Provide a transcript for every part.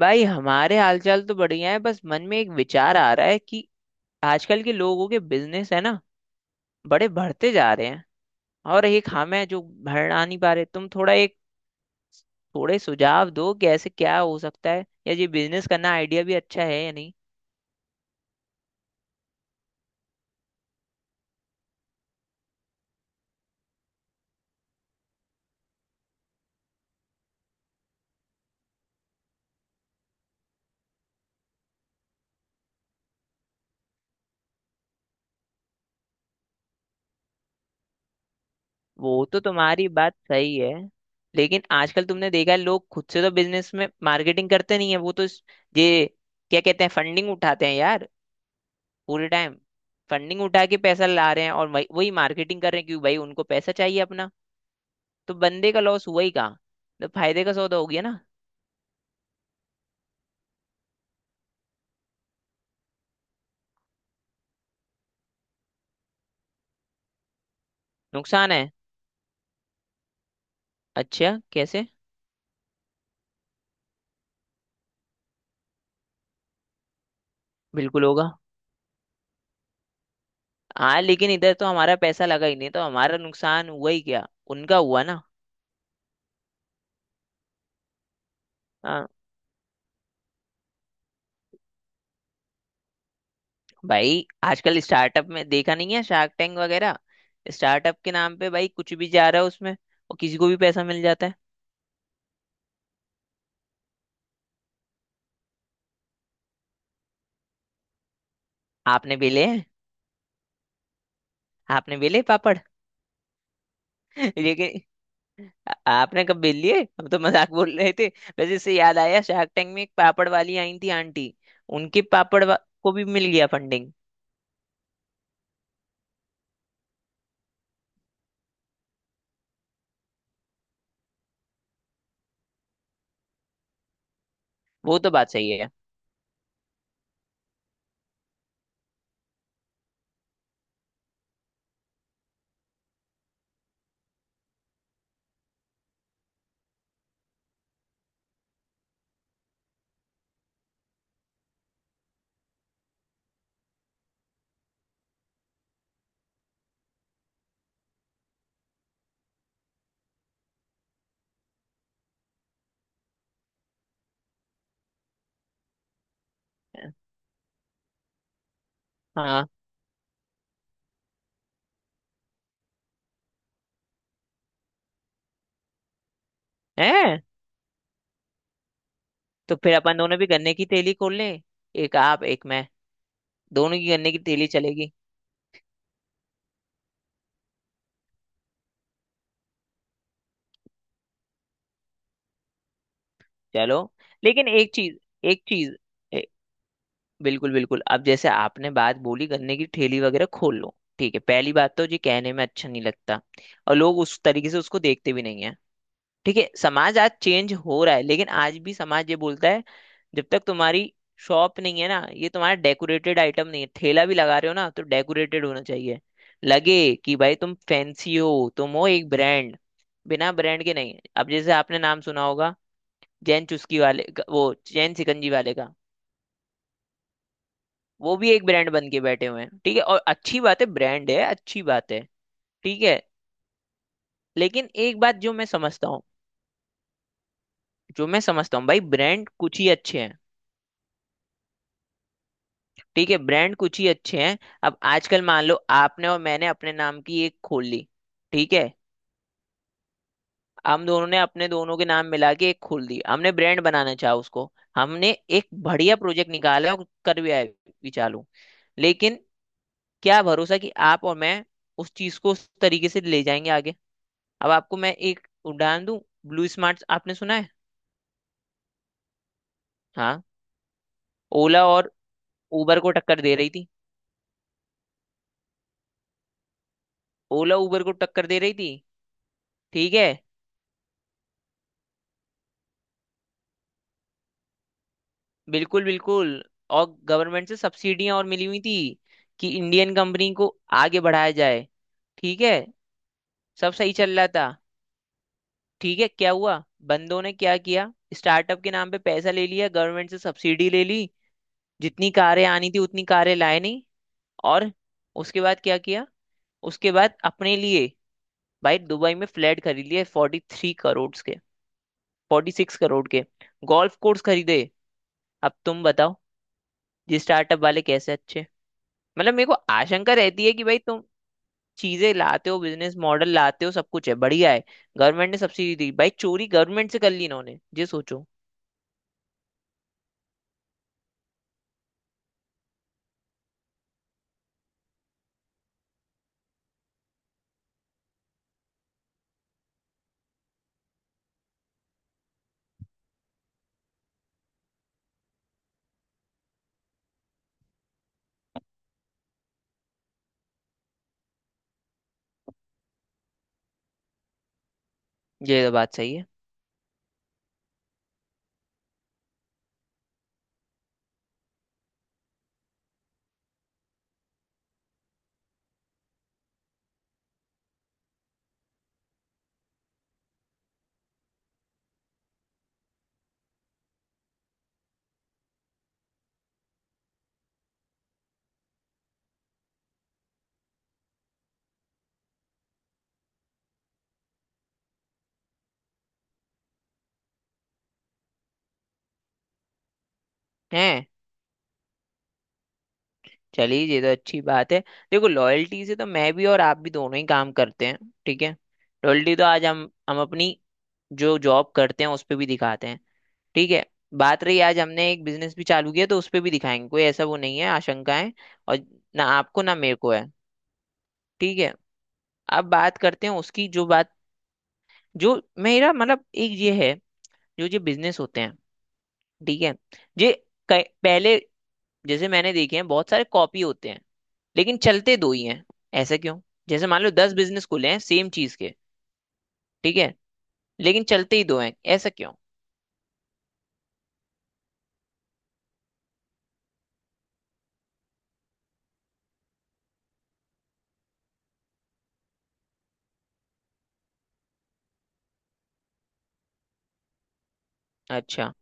भाई हमारे हालचाल तो बढ़िया है। बस मन में एक विचार आ रहा है कि आजकल के लोगों के बिजनेस है ना, बड़े बढ़ते जा रहे हैं। और एक हम है जो भर आ नहीं पा रहे। तुम थोड़ा एक थोड़े सुझाव दो कि ऐसे क्या हो सकता है, या ये बिजनेस करना आइडिया भी अच्छा है या नहीं। वो तो तुम्हारी बात सही है। लेकिन आजकल तुमने देखा है, लोग खुद से तो बिजनेस में मार्केटिंग करते नहीं है। वो तो ये क्या कहते हैं, फंडिंग उठाते हैं यार। पूरे टाइम फंडिंग उठा के पैसा ला रहे हैं, और वही वही मार्केटिंग कर रहे हैं, क्योंकि भाई उनको पैसा चाहिए अपना। तो बंदे का लॉस हुआ ही कहाँ। तो फायदे का सौदा हो गया ना। नुकसान है। अच्छा, कैसे? बिल्कुल होगा। हाँ, लेकिन इधर तो हमारा पैसा लगा ही नहीं, तो हमारा नुकसान हुआ ही क्या, उनका हुआ ना। हाँ। भाई आजकल स्टार्टअप में देखा नहीं है, शार्क टैंक वगैरह। स्टार्टअप के नाम पे भाई कुछ भी जा रहा है उसमें, और किसी को भी पैसा मिल जाता है। आपने बेले हैं। आपने बेले पापड़ लेकिन आ- आपने कब बेल लिए, हम तो मजाक बोल रहे थे। वैसे इससे याद आया, शार्क टैंक में एक पापड़ वाली आई थी आंटी। उनके पापड़ को भी मिल गया फंडिंग। वो तो बात सही है। हाँ। है। तो फिर अपन दोनों भी गन्ने की तेली खोल लें, एक आप एक मैं। दोनों की गन्ने की तेली चलेगी। चलो। लेकिन एक चीज, ए, बिल्कुल बिल्कुल। अब जैसे आपने बात बोली गन्ने की ठेली वगैरह खोल लो, ठीक है, पहली बात तो जी कहने में अच्छा नहीं लगता। और लोग उस तरीके से उसको देखते भी नहीं है। ठीक है, समाज आज चेंज हो रहा है, लेकिन आज भी समाज ये बोलता है। जब तक तुम्हारी शॉप नहीं है ना, ये तुम्हारा डेकोरेटेड आइटम नहीं है, ठेला भी लगा रहे हो ना तो डेकोरेटेड होना चाहिए। लगे कि भाई तुम फैंसी हो, तुम हो एक ब्रांड। बिना ब्रांड के नहीं। अब जैसे आपने नाम सुना होगा जैन चुस्की वाले का- वो जैन सिकंजी वाले का। वो भी एक ब्रांड बन के बैठे हुए हैं। ठीक है, और अच्छी बात है, ब्रांड है अच्छी बात है। ठीक है। लेकिन एक बात जो मैं समझता हूँ, भाई ब्रांड कुछ ही अच्छे हैं। ठीक है, ब्रांड कुछ ही अच्छे हैं। अब आजकल मान लो आपने और मैंने अपने नाम की एक खोल ली, ठीक है। हम दोनों ने अपने दोनों के नाम मिला के एक खोल दी, हमने ब्रांड बनाना चाहा उसको। हमने एक बढ़िया प्रोजेक्ट निकाला और कर भी आए, भी चालू। लेकिन क्या भरोसा कि आप और मैं उस चीज को उस तरीके से ले जाएंगे आगे। अब आपको मैं एक उदाहरण दूं। ब्लू स्मार्ट आपने सुना है। हाँ, ओला और उबर को टक्कर दे रही थी। ओला उबर को टक्कर दे रही थी, ठीक है। बिल्कुल बिल्कुल। और गवर्नमेंट से सब्सिडियां और मिली हुई थी कि इंडियन कंपनी को आगे बढ़ाया जाए। ठीक है। सब सही चल रहा था, ठीक है। क्या हुआ, बंदों ने क्या किया? स्टार्टअप के नाम पे पैसा ले लिया, गवर्नमेंट से सब्सिडी ले ली। जितनी कारें आनी थी उतनी कारें लाए नहीं, और उसके बाद क्या किया? उसके बाद अपने लिए भाई दुबई में फ्लैट खरीद लिए 43 करोड़ के, 46 करोड़ के गोल्फ कोर्स खरीदे। अब तुम बताओ, ये स्टार्टअप वाले कैसे? मतलब मेरे को आशंका रहती है कि भाई तुम चीजें लाते हो, बिजनेस मॉडल लाते हो, सब कुछ है, बढ़िया है। गवर्नमेंट ने सब्सिडी दी, भाई चोरी गवर्नमेंट से कर ली इन्होंने, ये सोचो। ये तो बात सही है। हैं। चलिए, ये तो अच्छी बात है। देखो, लॉयल्टी से तो मैं भी और आप भी दोनों ही काम करते हैं, ठीक है। लॉयल्टी तो आज हम अपनी जो जॉब करते हैं उस पर भी दिखाते हैं, ठीक है। बात रही, आज हमने एक बिजनेस भी चालू किया तो उस पर भी दिखाएंगे, कोई ऐसा वो नहीं है आशंका है, और ना आपको ना मेरे को है, ठीक है। अब बात करते हैं उसकी, जो बात जो मेरा मतलब एक ये है, जो ये बिजनेस होते हैं, ठीक है। ये पहले जैसे मैंने देखे हैं, बहुत सारे कॉपी होते हैं, लेकिन चलते दो ही हैं, ऐसा क्यों? जैसे मान लो 10 बिजनेस खुले हैं सेम चीज के, ठीक है, लेकिन चलते ही दो हैं, ऐसा क्यों? अच्छा।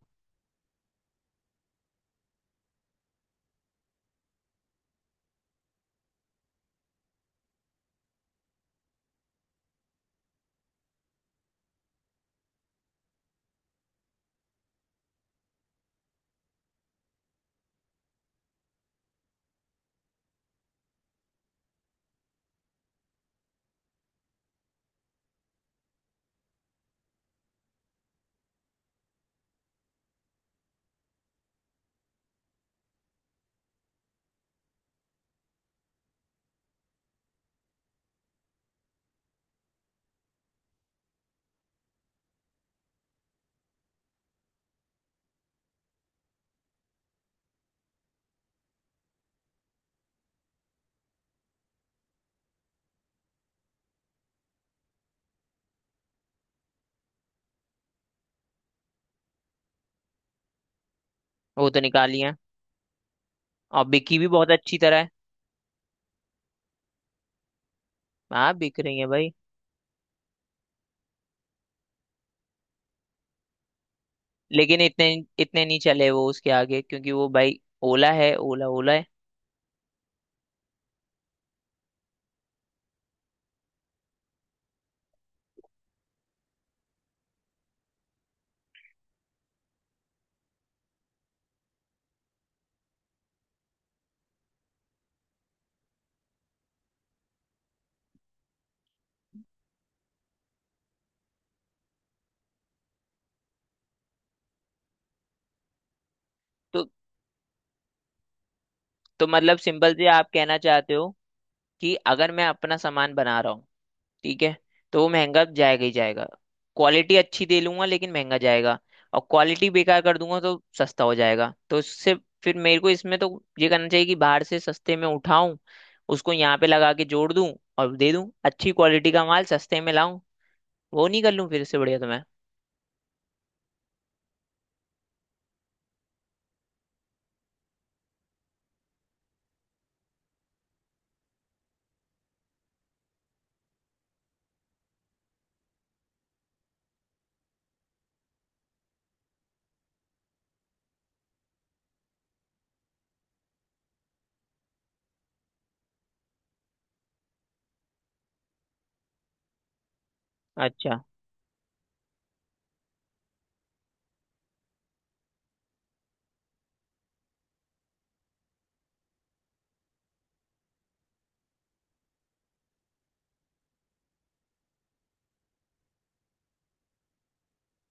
वो तो निकाली है, और बिकी भी बहुत अच्छी तरह है। हाँ बिक रही है भाई। लेकिन इतने इतने नहीं चले वो उसके आगे, क्योंकि वो भाई ओला है, ओला ओला है। तो तो मतलब सिंपल से आप कहना चाहते हो कि अगर मैं अपना सामान बना रहा हूँ, ठीक है, तो वो महंगा जाएगा ही जाएगा। क्वालिटी अच्छी दे लूंगा लेकिन महंगा जाएगा। और क्वालिटी बेकार कर दूंगा तो सस्ता हो जाएगा, तो इससे फिर मेरे को इसमें तो ये करना चाहिए कि बाहर से सस्ते में उठाऊं, उसको यहाँ पे लगा के जोड़ दूं, और दे दूं, अच्छी क्वालिटी का माल सस्ते में लाऊं, वो नहीं कर लूं, फिर इससे बढ़िया तो मैं। अच्छा।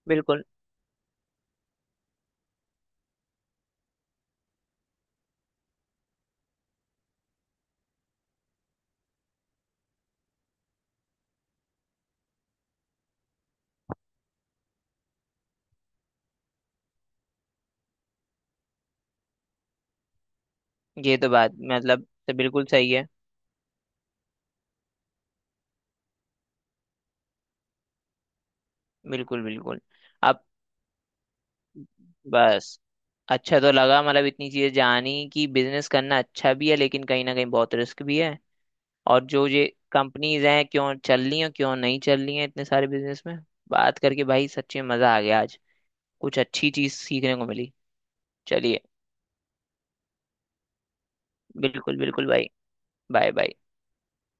बिल्कुल। ये तो बात मतलब तो बिल्कुल सही है। बिल्कुल बिल्कुल। अब बस, अच्छा तो लगा मतलब, इतनी चीजें जानी कि बिजनेस करना अच्छा भी है, लेकिन कहीं ना कहीं बहुत रिस्क भी है। और जो ये कंपनीज हैं क्यों चल रही हैं क्यों नहीं चल रही हैं इतने सारे बिजनेस में। बात करके भाई सच्ची में मजा आ गया आज, कुछ अच्छी चीज सीखने को मिली। चलिए। बिल्कुल बिल्कुल भाई। Bye bye.